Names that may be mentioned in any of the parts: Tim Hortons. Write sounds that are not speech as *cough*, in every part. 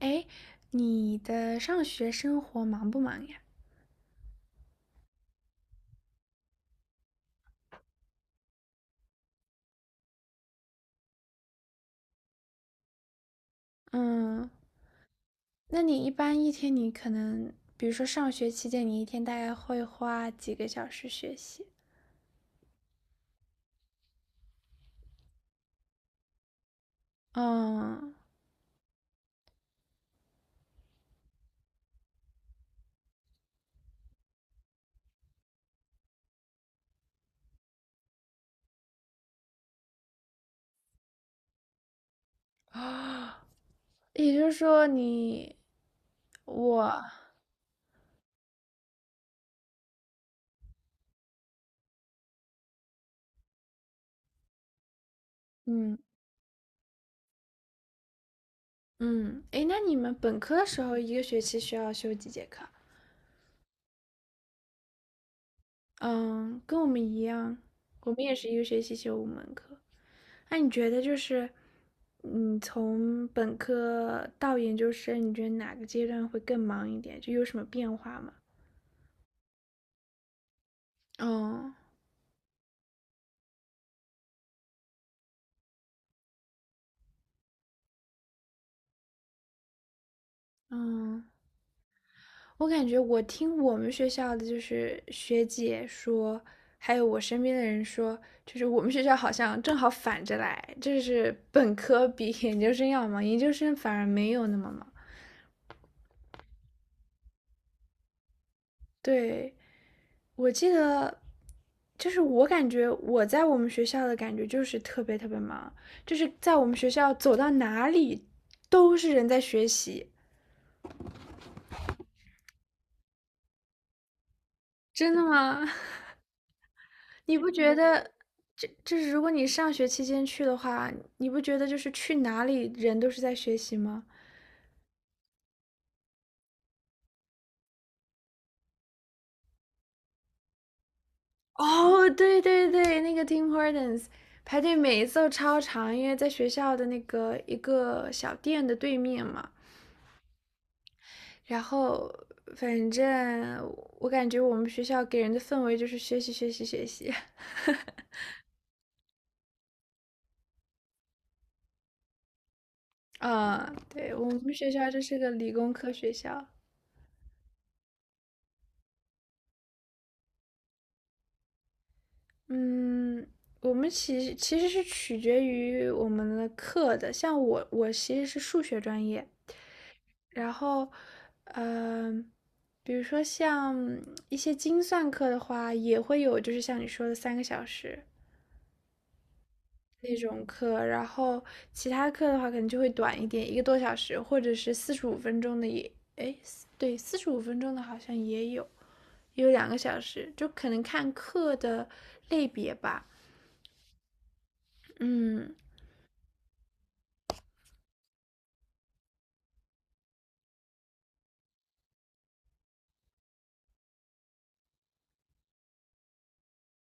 哎，你的上学生活忙不忙呀？嗯，那你一般一天你可能，比如说上学期间，你一天大概会花几个小时学习？嗯，也就是说你我，嗯嗯，哎，那你们本科的时候一个学期需要修几节课啊？嗯，跟我们一样，我们也是一个学期修五门课。那你觉得就是，嗯，从本科到研究生，你觉得哪个阶段会更忙一点？就有什么变化吗？嗯。嗯，我感觉我听我们学校的就是学姐说，还有我身边的人说，就是我们学校好像正好反着来，就是本科比研究生要忙，研究生反而没有那么忙。对，我记得，就是我感觉我在我们学校的感觉就是特别特别忙，就是在我们学校走到哪里都是人在学习。真的吗？*laughs* 你不觉得这是如果你上学期间去的话，你不觉得就是去哪里人都是在学习吗？哦，对对对，那个 Tim Hortons 排队每一次都超长，因为在学校的那个一个小店的对面嘛。然后反正我感觉我们学校给人的氛围就是学习学习学习，*laughs* 啊，对，我们学校这是个理工科学校，嗯，我们其实是取决于我们的课的，像我其实是数学专业，然后，嗯、比如说像一些精算课的话，也会有就是像你说的三个小时，那种课，然后其他课的话可能就会短一点，一个多小时，或者是四十五分钟的也，哎，对，四十五分钟的好像也有，也有2个小时，就可能看课的类别吧。嗯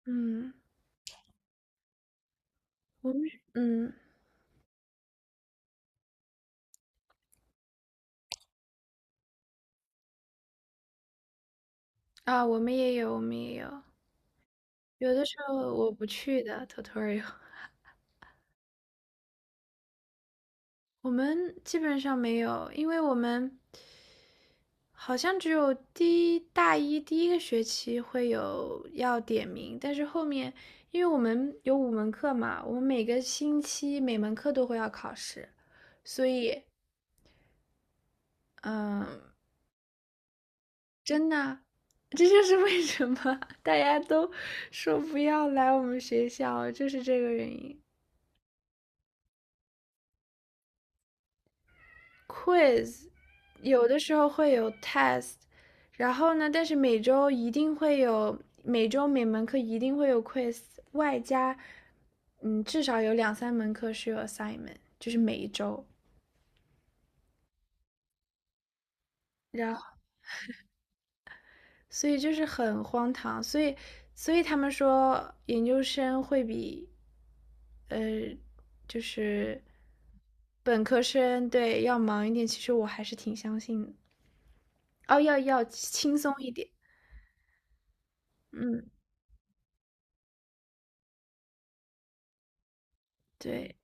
嗯，我们嗯啊，我们也有，我们也有，有的时候我不去的 tutorial，*laughs* 我们基本上没有，因为我们。好像只有第一大一第一个学期会有要点名，但是后面因为我们有五门课嘛，我们每个星期每门课都会要考试，所以嗯，真的，这就是为什么大家都说不要来我们学校，就是这个原因。quiz，有的时候会有 test，然后呢，但是每周一定会有，每周每门课一定会有 quiz，外加，至少有两三门课是有 assignment，就是每一周，然后所以就是很荒唐，所以他们说研究生会比，呃，就是本科生对要忙一点，其实我还是挺相信的，哦，要要轻松一点，嗯。对，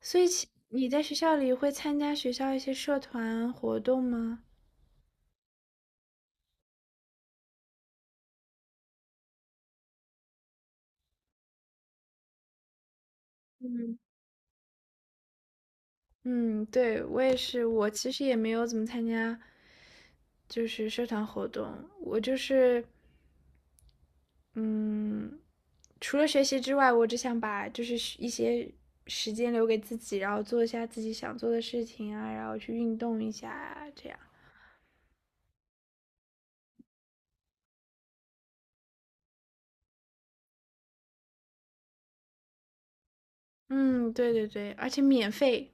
所以其你在学校里会参加学校一些社团活动吗？嗯。嗯，对，我也是，我其实也没有怎么参加，就是社团活动。我就是，嗯，除了学习之外，我只想把就是时一些时间留给自己，然后做一下自己想做的事情啊，然后去运动一下啊，这样。嗯，对对对，而且免费。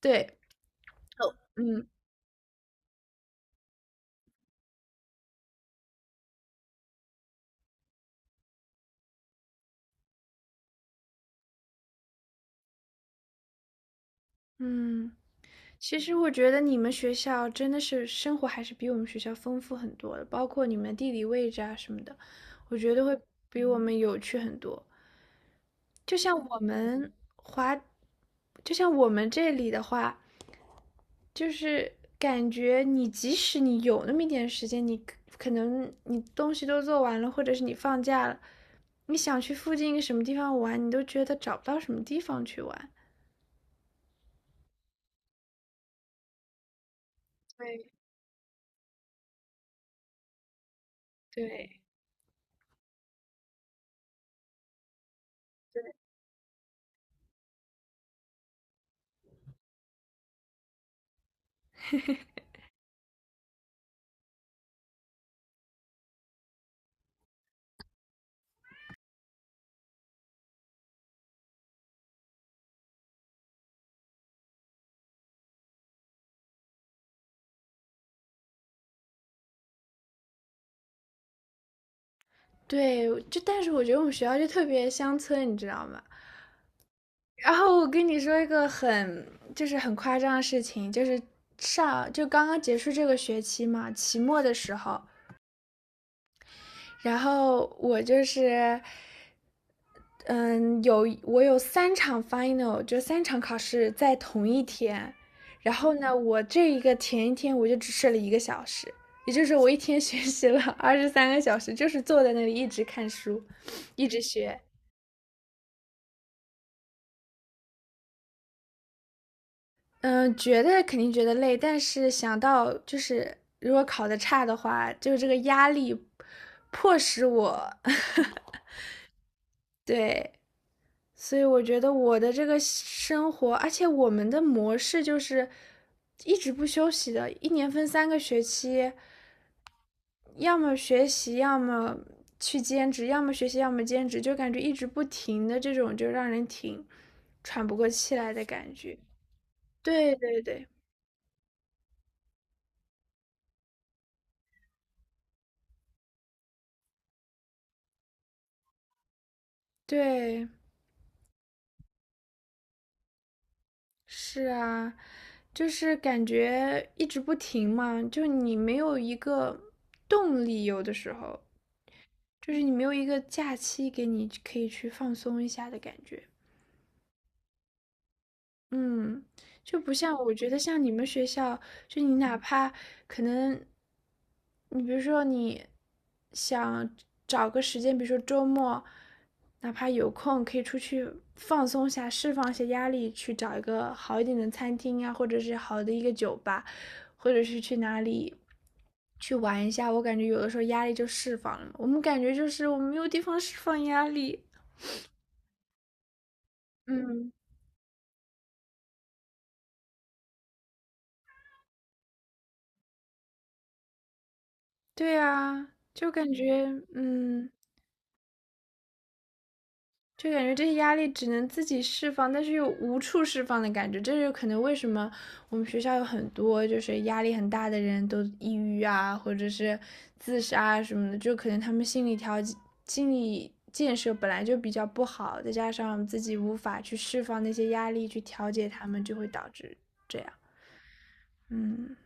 对，哦嗯嗯。其实我觉得你们学校真的是生活还是比我们学校丰富很多的，包括你们地理位置啊什么的，我觉得会比我们有趣很多。就像我们，就像我们这里的话，就是感觉你即使你有那么一点时间，你可能你东西都做完了，或者是你放假了，你想去附近一个什么地方玩，你都觉得找不到什么地方去玩。对对，对，就但是我觉得我们学校就特别乡村，你知道吗？然后我跟你说一个很就是很夸张的事情，就是上就刚刚结束这个学期嘛，期末的时候，然后我就是我有三场 final，就三场考试在同一天，然后呢，我这一个前一天我就只睡了一个小时。也就是我一天 *laughs* 学习了23个小时，就是坐在那里一直看书，一直学。嗯，觉得肯定觉得累，但是想到就是如果考的差的话，就这个压力迫使我 *laughs* 对，所以我觉得我的这个生活，而且我们的模式就是一直不休息的，一年分3个学期，要么学习，要么去兼职，要么学习，要么兼职，就感觉一直不停的这种，就让人挺喘不过气来的感觉。对对对对，是啊。就是感觉一直不停嘛，就你没有一个动力，有的时候就是你没有一个假期给你可以去放松一下的感觉。嗯，就不像我觉得像你们学校，就你哪怕可能，你比如说你想找个时间，比如说周末，哪怕有空可以出去放松一下，释放一些压力，去找一个好一点的餐厅啊，或者是好的一个酒吧，或者是去哪里去玩一下。我感觉有的时候压力就释放了嘛我们感觉就是我们没有地方释放压力。嗯，对啊，就感觉嗯。就感觉这些压力只能自己释放，但是又无处释放的感觉。这就可能为什么我们学校有很多就是压力很大的人都抑郁啊，或者是自杀啊什么的，就可能他们心理调件、心理建设本来就比较不好，再加上我们自己无法去释放那些压力去调节他们，就会导致这样。嗯，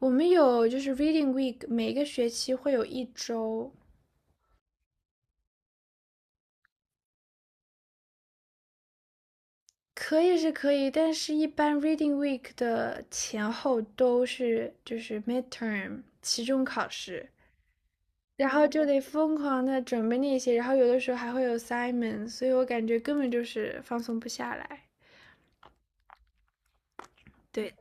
我们有就是 Reading Week，每个学期会有一周，可以是可以，但是一般 Reading Week 的前后都是就是 midterm 期中考试，然后就得疯狂的准备那些，然后有的时候还会有 s i m o n 所以我感觉根本就是放松不下来。对，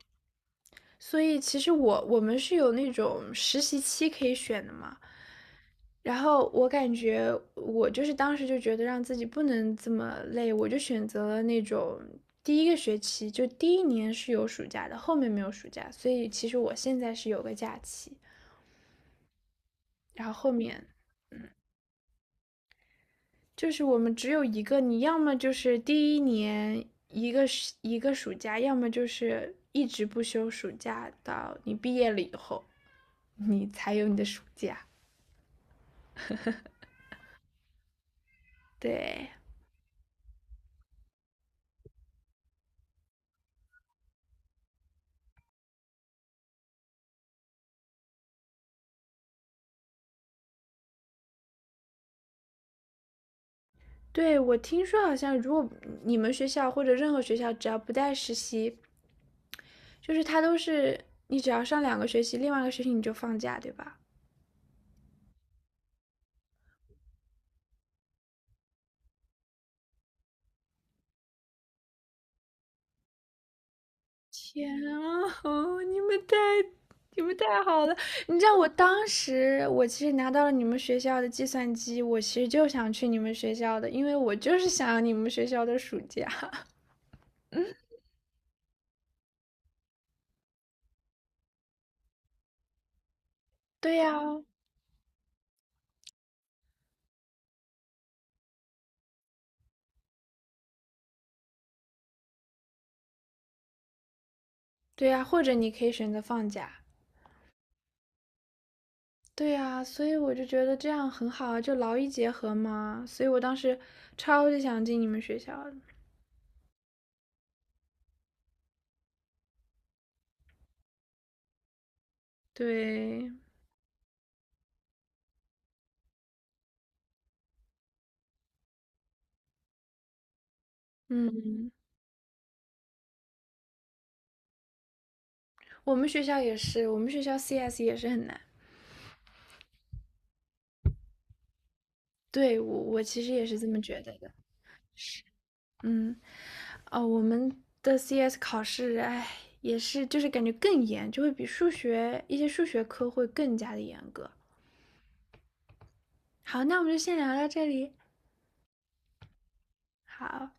所以其实我们是有那种实习期可以选的嘛，然后我感觉我就是当时就觉得让自己不能这么累，我就选择了那种第一个学期就第一年是有暑假的，后面没有暑假，所以其实我现在是有个假期，然后后面就是我们只有一个，你要么就是第一年一个一个暑假，要么就是一直不休暑假到你毕业了以后，你才有你的暑假，对。对，我听说好像如果你们学校或者任何学校只要不带实习，就是他都是你只要上2个学期，另外一个学期你就放假，对吧？天啊，哦你们太好了！你知道我当时我其实拿到了你们学校的计算机，我其实就想去你们学校的，因为我就是想要你们学校的暑假。*laughs* 对呀，对呀，或者你可以选择放假。对呀，所以我就觉得这样很好啊，就劳逸结合嘛。所以我当时超级想进你们学校的对，嗯，我们学校也是，我们学校 CS 也是很难。对，我其实也是这么觉得的。嗯，哦，我们的 CS 考试，哎，也是就是感觉更严，就会比数学一些数学科会更加的严格。好，那我们就先聊到这里。好。